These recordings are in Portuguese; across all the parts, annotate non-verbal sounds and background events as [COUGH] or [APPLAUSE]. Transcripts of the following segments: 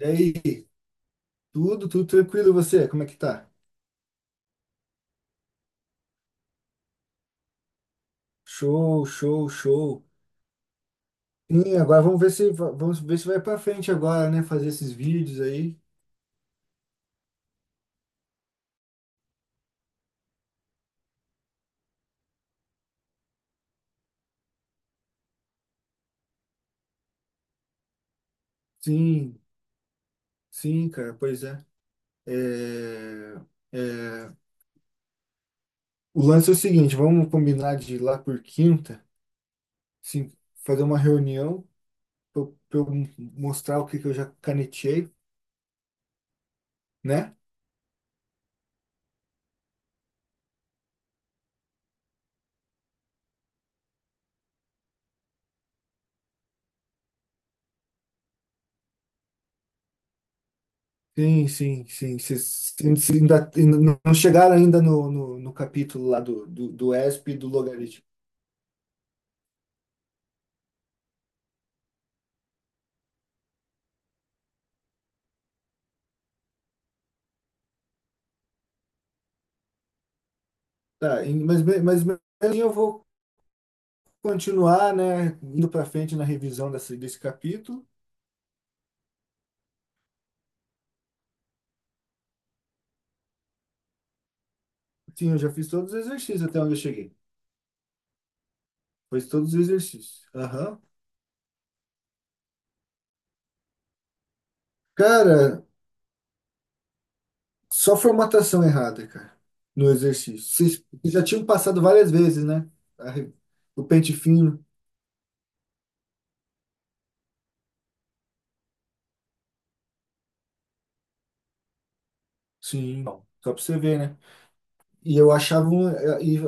E aí, tudo tranquilo, e você? Como é que tá? Show, show, show. Sim, agora vamos ver se va- vamos ver se vai pra frente agora, né? Fazer esses vídeos aí. Sim, sim, cara, pois é. É, é. O lance é o seguinte, vamos combinar de ir lá por quinta, sim, fazer uma reunião para eu pra eu mostrar o que que eu já canetei, né? Sim, sim, sim. Vocês ainda não chegaram ainda no capítulo lá do ESP e do logaritmo. Tá, mas mesmo assim eu vou continuar, né, indo para frente na revisão desse, desse capítulo. Sim, eu já fiz todos os exercícios até onde eu cheguei. Fiz todos os exercícios. Aham. Cara, só formatação errada, cara, no exercício. Vocês já tinham passado várias vezes, né? A re- O pente fino. Sim, bom, só para você ver, né? E eu achava um, e,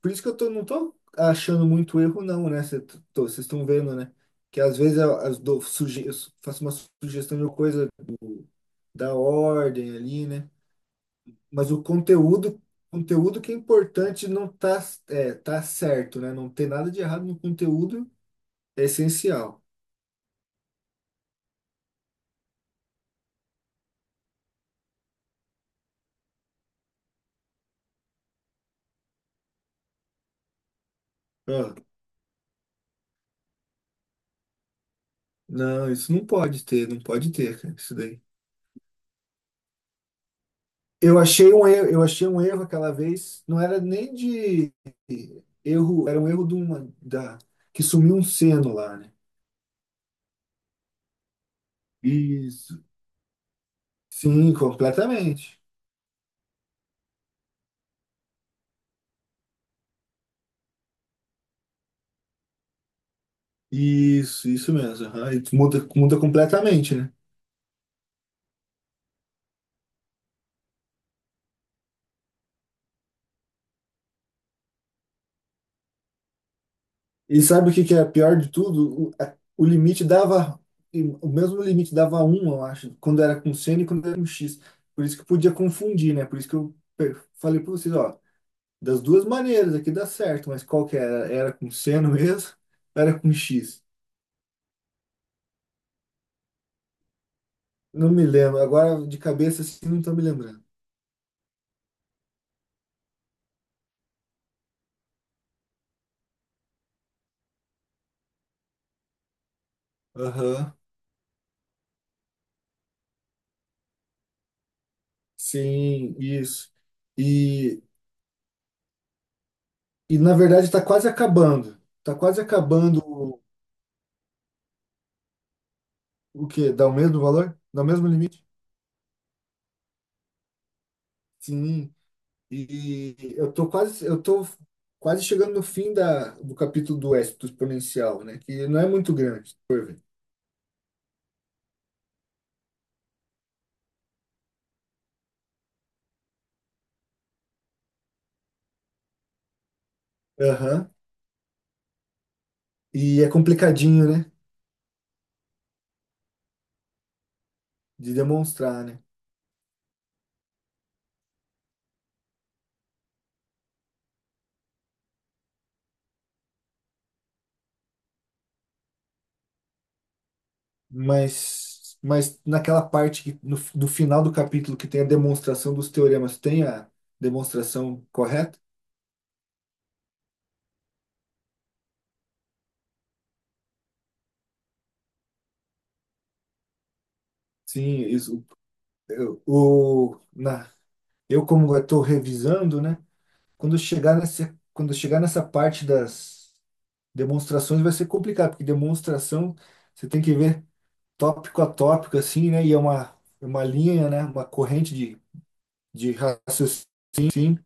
por isso que não tô achando muito erro não, né? Vocês estão vendo, né? Que às vezes eu faço uma sugestão de uma coisa da ordem ali, né? Mas o conteúdo que é importante não tá, tá certo, né? Não tem nada de errado no conteúdo, é essencial. Ó, não, isso não pode ter, não pode ter, cara, isso daí. Eu achei um erro, eu achei um erro aquela vez, não era nem de erro, era um erro da, que sumiu um seno lá, né? Isso, sim, completamente. Isso mesmo. Aham. E muda completamente, né? E sabe o que que é pior de tudo? O mesmo limite dava um eu acho, quando era com seno e quando era com X. Por isso que podia confundir, né? Por isso que eu falei para vocês, ó, das duas maneiras aqui dá certo, mas qual que era? Era com seno mesmo? [LAUGHS] Era com X? Não me lembro. Agora de cabeça assim não tô me lembrando. Aham. Sim, isso. E, e na verdade está quase acabando o quê? Dá o mesmo valor? Dá o mesmo limite? Sim. E eu tô quase chegando no fim do capítulo do Éxito exponencial, né? Que não é muito grande, por ver. Aham. E é complicadinho, né? De demonstrar, né? Mas naquela parte que, no, do final do capítulo que tem a demonstração dos teoremas, tem a demonstração correta? Sim, isso, eu, o, na, eu como estou revisando, né? Quando chegar nessa parte das demonstrações vai ser complicado, porque demonstração você tem que ver tópico a tópico, assim, né? E é uma linha, né? Uma corrente de raciocínio. Sim,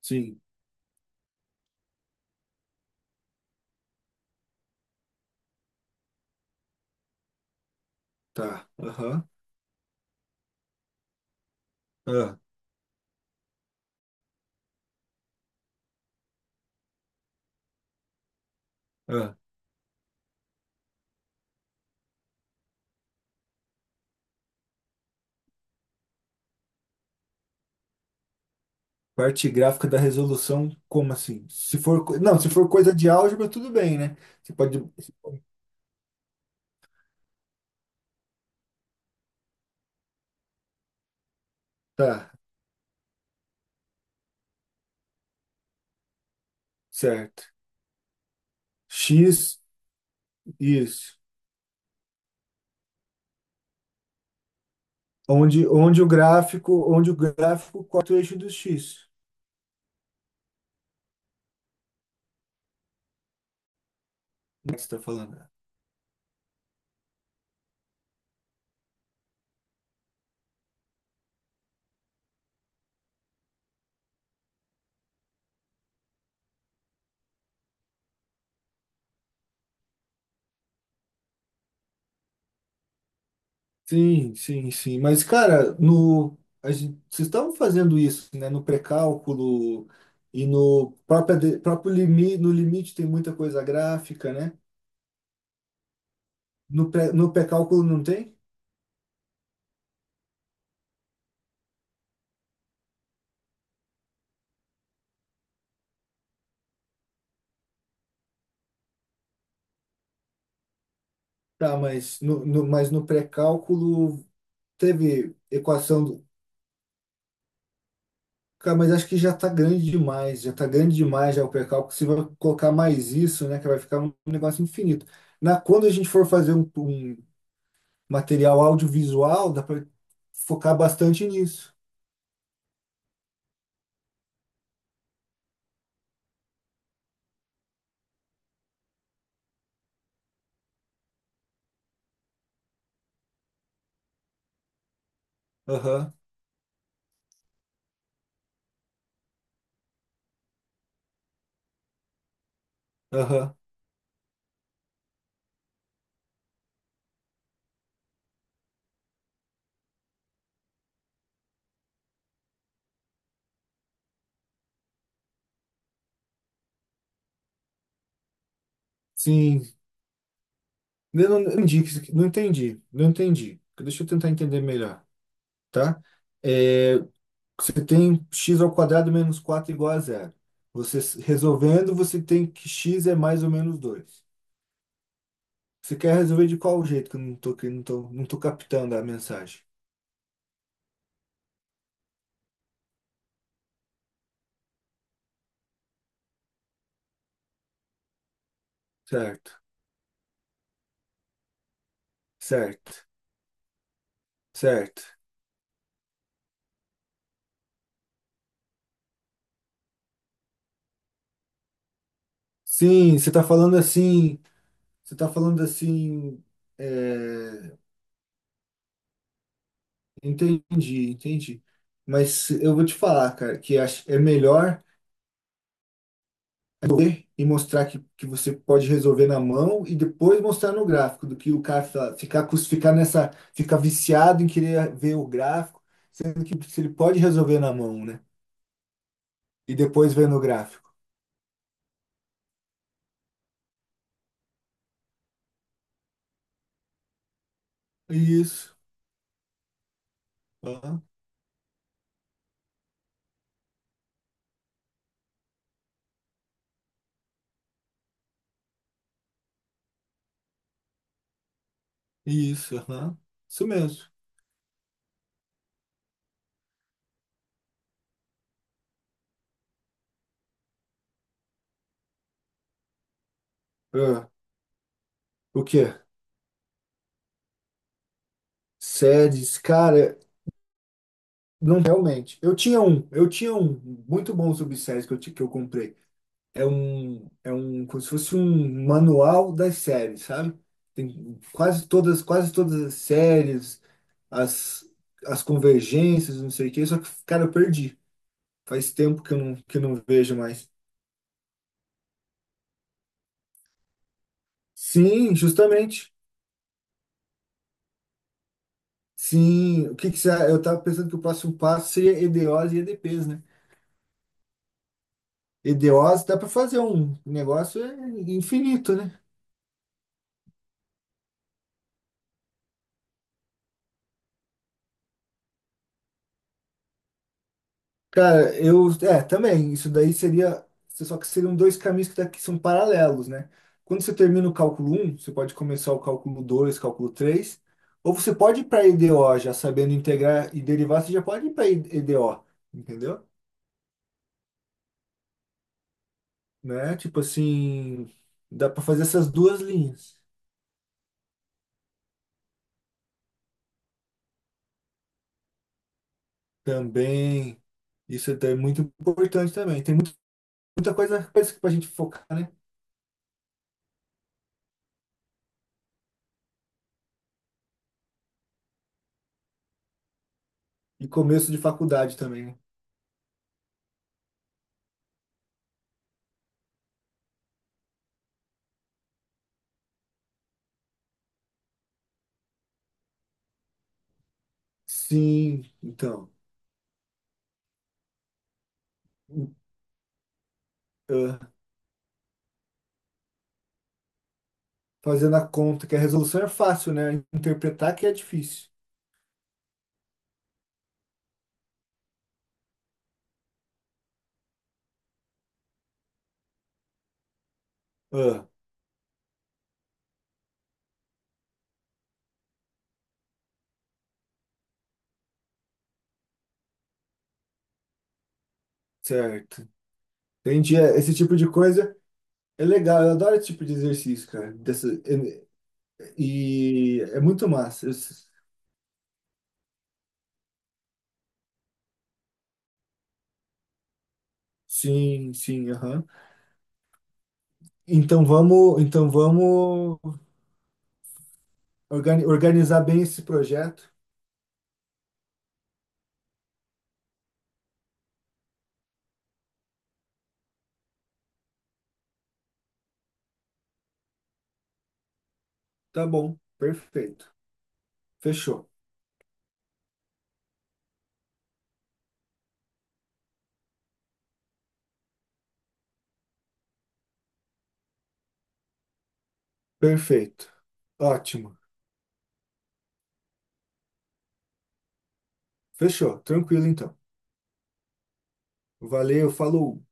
sim, tá. Aham. Ah, ah. Parte gráfica da resolução, como assim? Se for, não, se for coisa de álgebra, tudo bem, né? Você pode, tá, certo. X, isso. Onde o gráfico corta o eixo do X. Como é que você está falando? Sim, sim, sim. Mas, cara, no, a gente, vocês estavam fazendo isso, né? No pré-cálculo e no próprio limite, no limite tem muita coisa gráfica, né? No pré-cálculo não tem? Tá, mas no pré-cálculo teve equação do. Cara, mas acho que já tá grande demais, já tá grande demais já o pré-cálculo. Se vai colocar mais isso, né, que vai ficar um negócio infinito. Quando a gente for fazer um material audiovisual, dá para focar bastante nisso. Aham, aham. Sim. Eu não, não entendi, não entendi, não entendi. Deixa eu tentar entender melhor, tá? É, você tem x ao quadrado menos 4 igual a zero. Você resolvendo, você tem que x é mais ou menos 2. Você quer resolver de qual jeito que eu não tô, que eu não tô, não tô captando a mensagem? Certo, certo, certo. Sim, você está falando assim, é, entendi, entendi. Mas eu vou te falar, cara, que é melhor é correr e mostrar que você pode resolver na mão e depois mostrar no gráfico, do que o cara ficar nessa, ficar viciado em querer ver o gráfico, sendo que se ele pode resolver na mão, né? E depois ver no gráfico. Isso, aham, isso, aham, isso mesmo. Ah, o quê? Séries, cara, não realmente. Eu tinha um muito bom subséries que eu comprei. É um, como se fosse um manual das séries, sabe? Tem quase todas as séries, as, as convergências, não sei o quê, só que, cara, eu perdi. Faz tempo que eu não vejo mais. Sim, justamente. Sim, o que que você, eu tava pensando que o próximo passo seria EDOs e EDPs, né? EDOs dá para fazer um negócio infinito, né? Cara, eu. É, também. Isso daí seria. Só que seriam dois caminhos que daqui são paralelos, né? Quando você termina o cálculo um você pode começar o cálculo 2 cálculo três. Ou você pode ir para EDO já sabendo integrar e derivar, você já pode ir para EDO, entendeu? Né? Tipo assim, dá para fazer essas duas linhas também. Isso é muito importante também. Tem muita coisa para a gente focar, né? E começo de faculdade também, né? Sim, então. Fazendo a conta que a resolução é fácil, né? Interpretar que é difícil. Ah, certo. Entendi. É, esse tipo de coisa é legal. Eu adoro esse tipo de exercício, cara. Dessa, e é muito massa. Eu Sim, sim, aham. Então vamos organizar bem esse projeto. Tá bom. Perfeito. Fechou. Perfeito. Ótimo. Fechou. Tranquilo, então. Valeu, falou.